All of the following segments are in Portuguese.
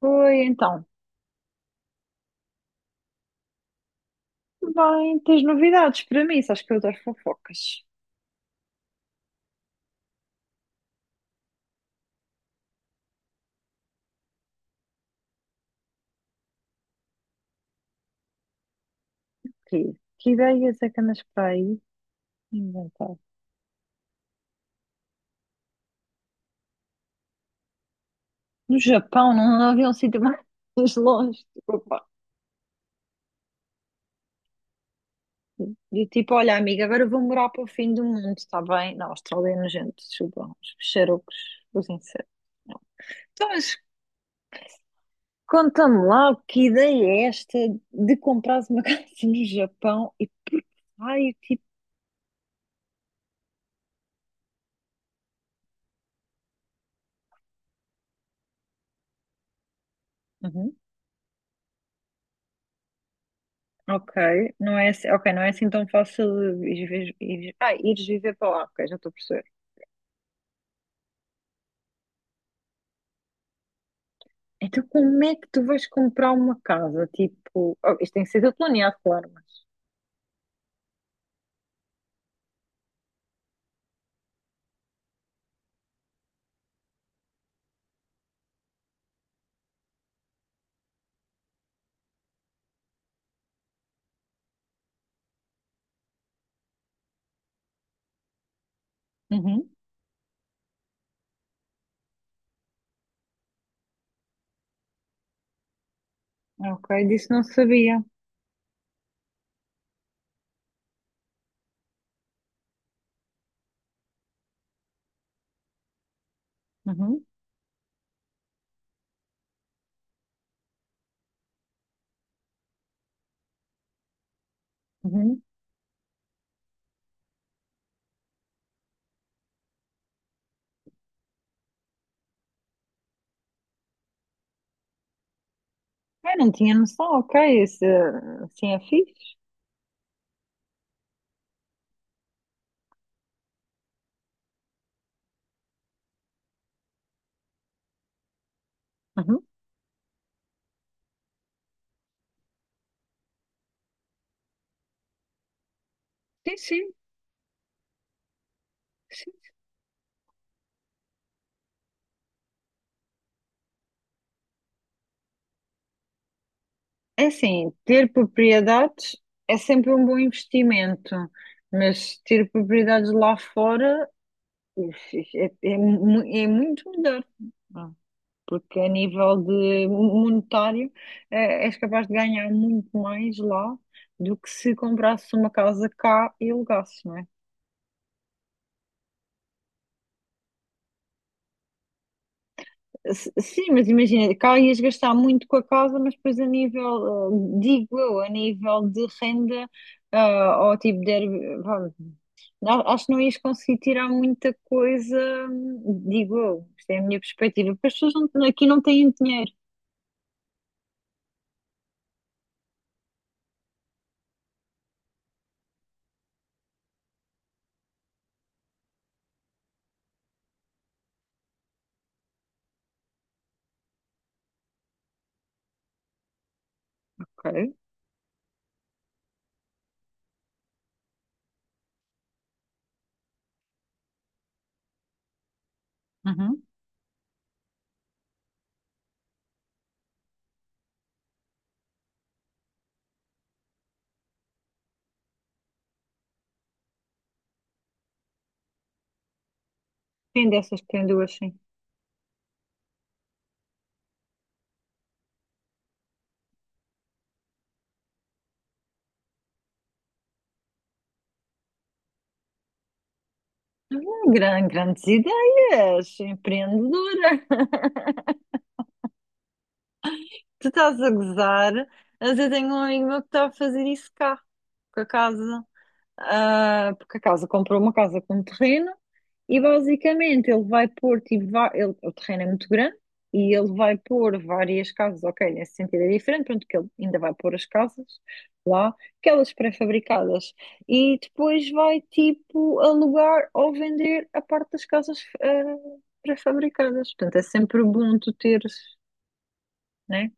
Oi, então. Bem, tens novidades para mim? Sabes que eu adoro fofocas. Que, que ideias é que andas para aí inventar? No Japão não, não havia um sítio mais longe. Tipo, pá. Tipo, olha, amiga, agora eu vou morar para o fim do mundo, está bem? Na Austrália, é nojento, desculpa, os peixarocos, os insetos. Então, mas conta-me lá, que ideia é esta de comprares uma casa no Japão e por que raio, tipo. Uhum. Ok, ok, não é assim tão fácil de ires, vi- ires- ah, ires viver para lá, ok, já estou a perceber. Então como é que tu vais comprar uma casa? Tipo, oh, isto tem que ser tudo planeado, claro, mas... Uhum, ok, disso não sabia. Uhum, uhum. Ah, não tinha noção, ok, isso, assim é fixe. Uhum. Sim, sim, sim. É assim, ter propriedades é sempre um bom investimento, mas ter propriedades lá fora, uf, é muito melhor. Porque a nível de monetário, és capaz de ganhar muito mais lá do que se comprasses uma casa cá e alugasses, não é? Sim, mas imagina, cá ias gastar muito com a casa, mas depois a nível, digo eu, a nível de renda, ou tipo de Airbnb, vá, acho que não ias conseguir tirar muita coisa, digo eu, isto é a minha perspectiva, porque as pessoas aqui não têm dinheiro, ok? Uhum. Tem dessas que têm duas, sim. Grandes ideias, empreendedora. Tu estás a gozar, mas eu tenho um amigo meu que está a fazer isso cá, com a casa. Porque a casa comprou uma casa com terreno e basicamente ele vai pôr, tipo, o terreno é muito grande e ele vai pôr várias casas, ok, nesse sentido é diferente, pronto, que ele ainda vai pôr as casas lá, aquelas pré-fabricadas, e depois vai, tipo, alugar ou vender a parte das casas pré-fabricadas. Portanto, é sempre bom tu teres, né?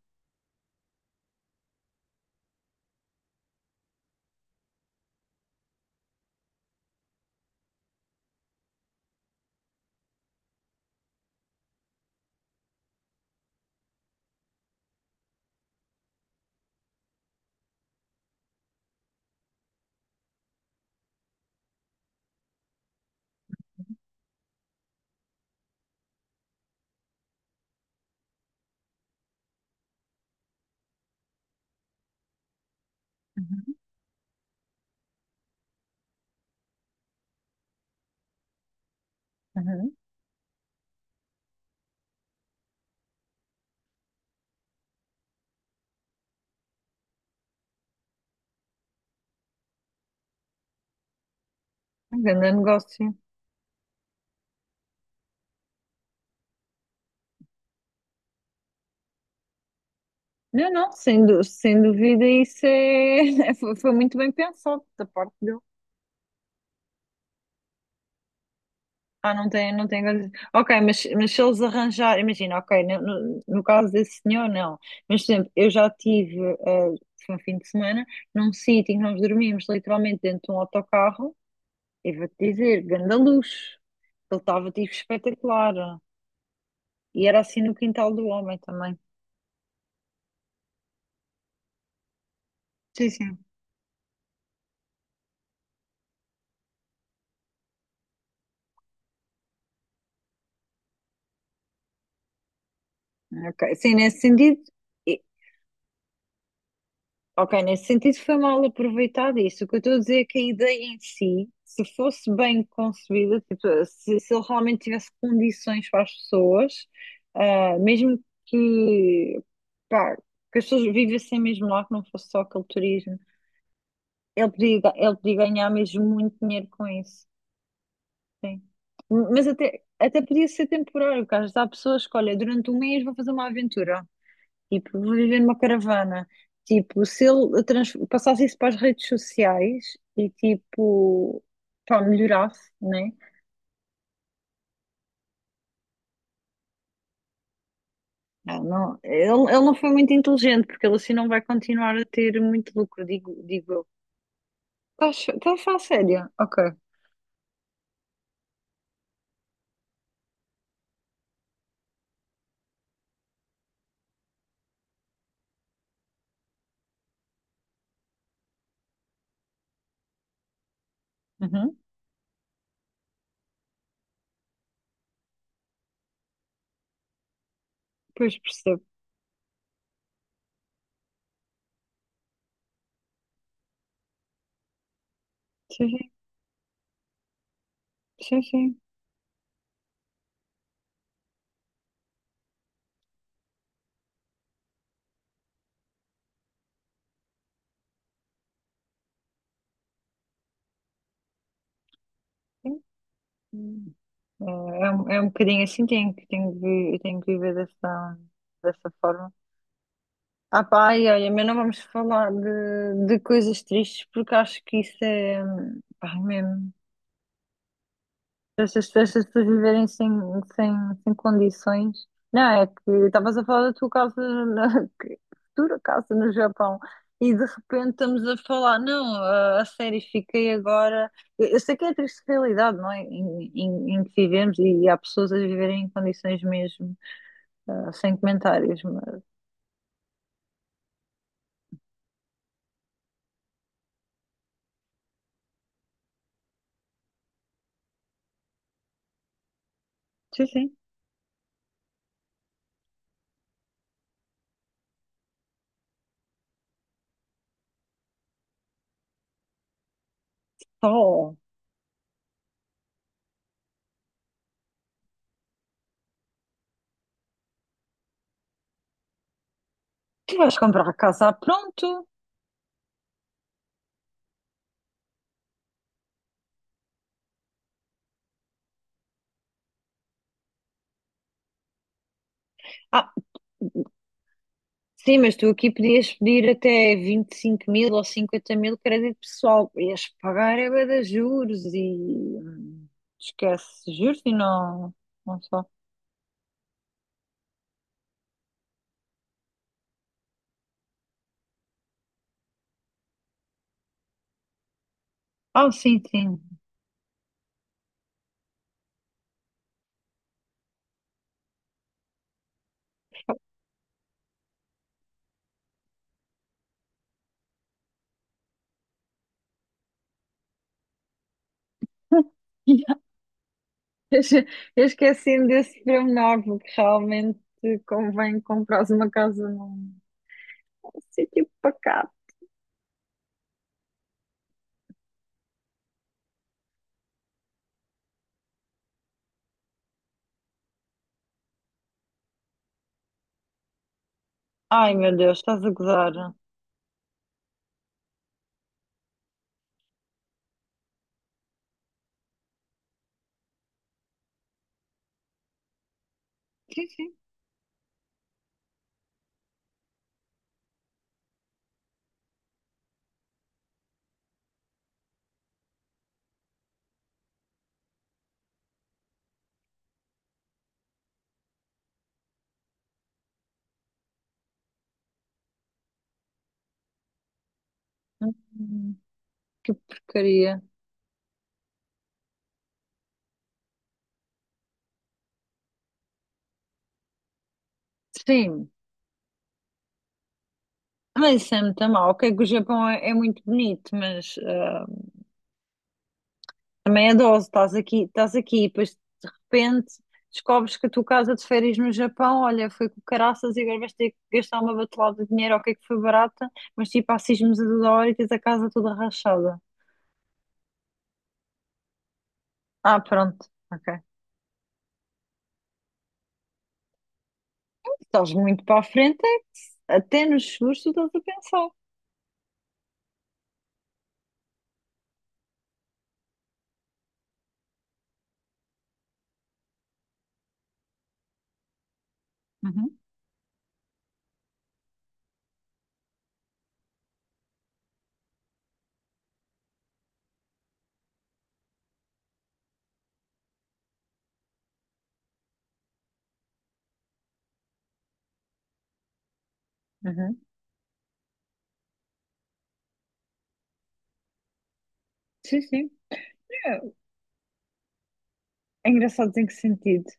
Uhum. Uhum. Um grande negócio. Não, não, sem dúvida, isso é... foi muito bem pensado da parte dele. Ah, não tem, não tem. Ok, mas se eles arranjarem, imagina, ok, no caso desse senhor, não. Mas, por exemplo, eu já tive, foi um fim de semana, num sítio em que nós dormimos literalmente dentro de um autocarro, e vou-te dizer, ganda luz. Ele estava tipo espetacular. E era assim no quintal do homem também. Sim, sim. Ok, sim, nesse sentido. Ok, nesse sentido foi mal aproveitado isso. O que eu estou a dizer é que a ideia em si, se fosse bem concebida, tipo, se ele realmente tivesse condições para as pessoas, mesmo que, pá, que as pessoas vivessem mesmo lá, que não fosse só aquele turismo, ele podia ganhar mesmo muito dinheiro com isso. Sim. Mas até podia ser temporário, porque às vezes há pessoas que, olha, durante um mês vou fazer uma aventura. Tipo, vou viver numa caravana. Tipo, se ele passasse isso para as redes sociais e, tipo, pá, melhorasse, né? Não, não. Ele não foi muito inteligente, porque ele assim não vai continuar a ter muito lucro, digo eu. Estás a falar sério? Ok. Uhum. Pois percebo. Sim, sim, sim. Sim. Sim. É um bocadinho assim, tenho que viver dessa forma. Ah pá, ai, olha, mas não vamos falar de coisas tristes porque acho que isso é, pá, é mesmo, essas pessoas viverem sem, sem condições. Não, é que estavas a falar da tua casa, futura casa no Japão, e de repente estamos a falar, não, a série fiquei agora. Eu sei que é a triste realidade, não é? Em que vivemos e, há pessoas a viverem em condições mesmo, sem comentários, mas sim, sim. Oh. Tu vais comprar a casa, ah, pronto. Ah, sim, mas tu aqui podias pedir até 25.000 ou 50.000 crédito pessoal. Ias pagar é bué de juros e esquece juros e não, não só. Ah, sim, sim. Eu esque- eu esqueci-me desse pormenor, porque realmente convém comprares uma casa num sítio pacato. Ai, meu Deus, estás a gozar. Sim, sim. Hum, que porcaria. Sim, mas isso é muito mal. Ok, que o Japão é muito bonito, mas... Também é dose, estás aqui, e depois de repente descobres que a tua casa de férias no Japão, olha, foi com caraças e agora vais ter que gastar uma batelada de dinheiro, ok, que foi barata, mas tipo, há sismos a toda hora e tens a casa toda rachada. Ah, pronto, ok. Estás muito para a frente, é que até nos seguros tu estás a pensar. Uhum, uhum. Sim, sim. É, é engraçado em que sentido?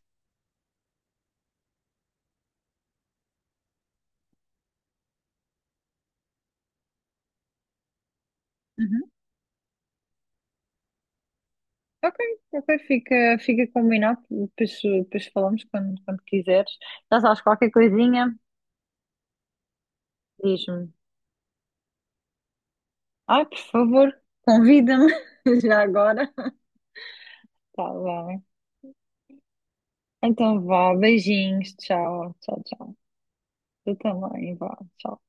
Uhum. Ok, ok, fica combinado, depois falamos quando quiseres. Já sabes, qualquer coisinha, diz-me. Ai, por favor, convida-me já agora. Tá bem. Então vá, beijinhos, tchau, tchau, tchau. Tu também, vá, tchau.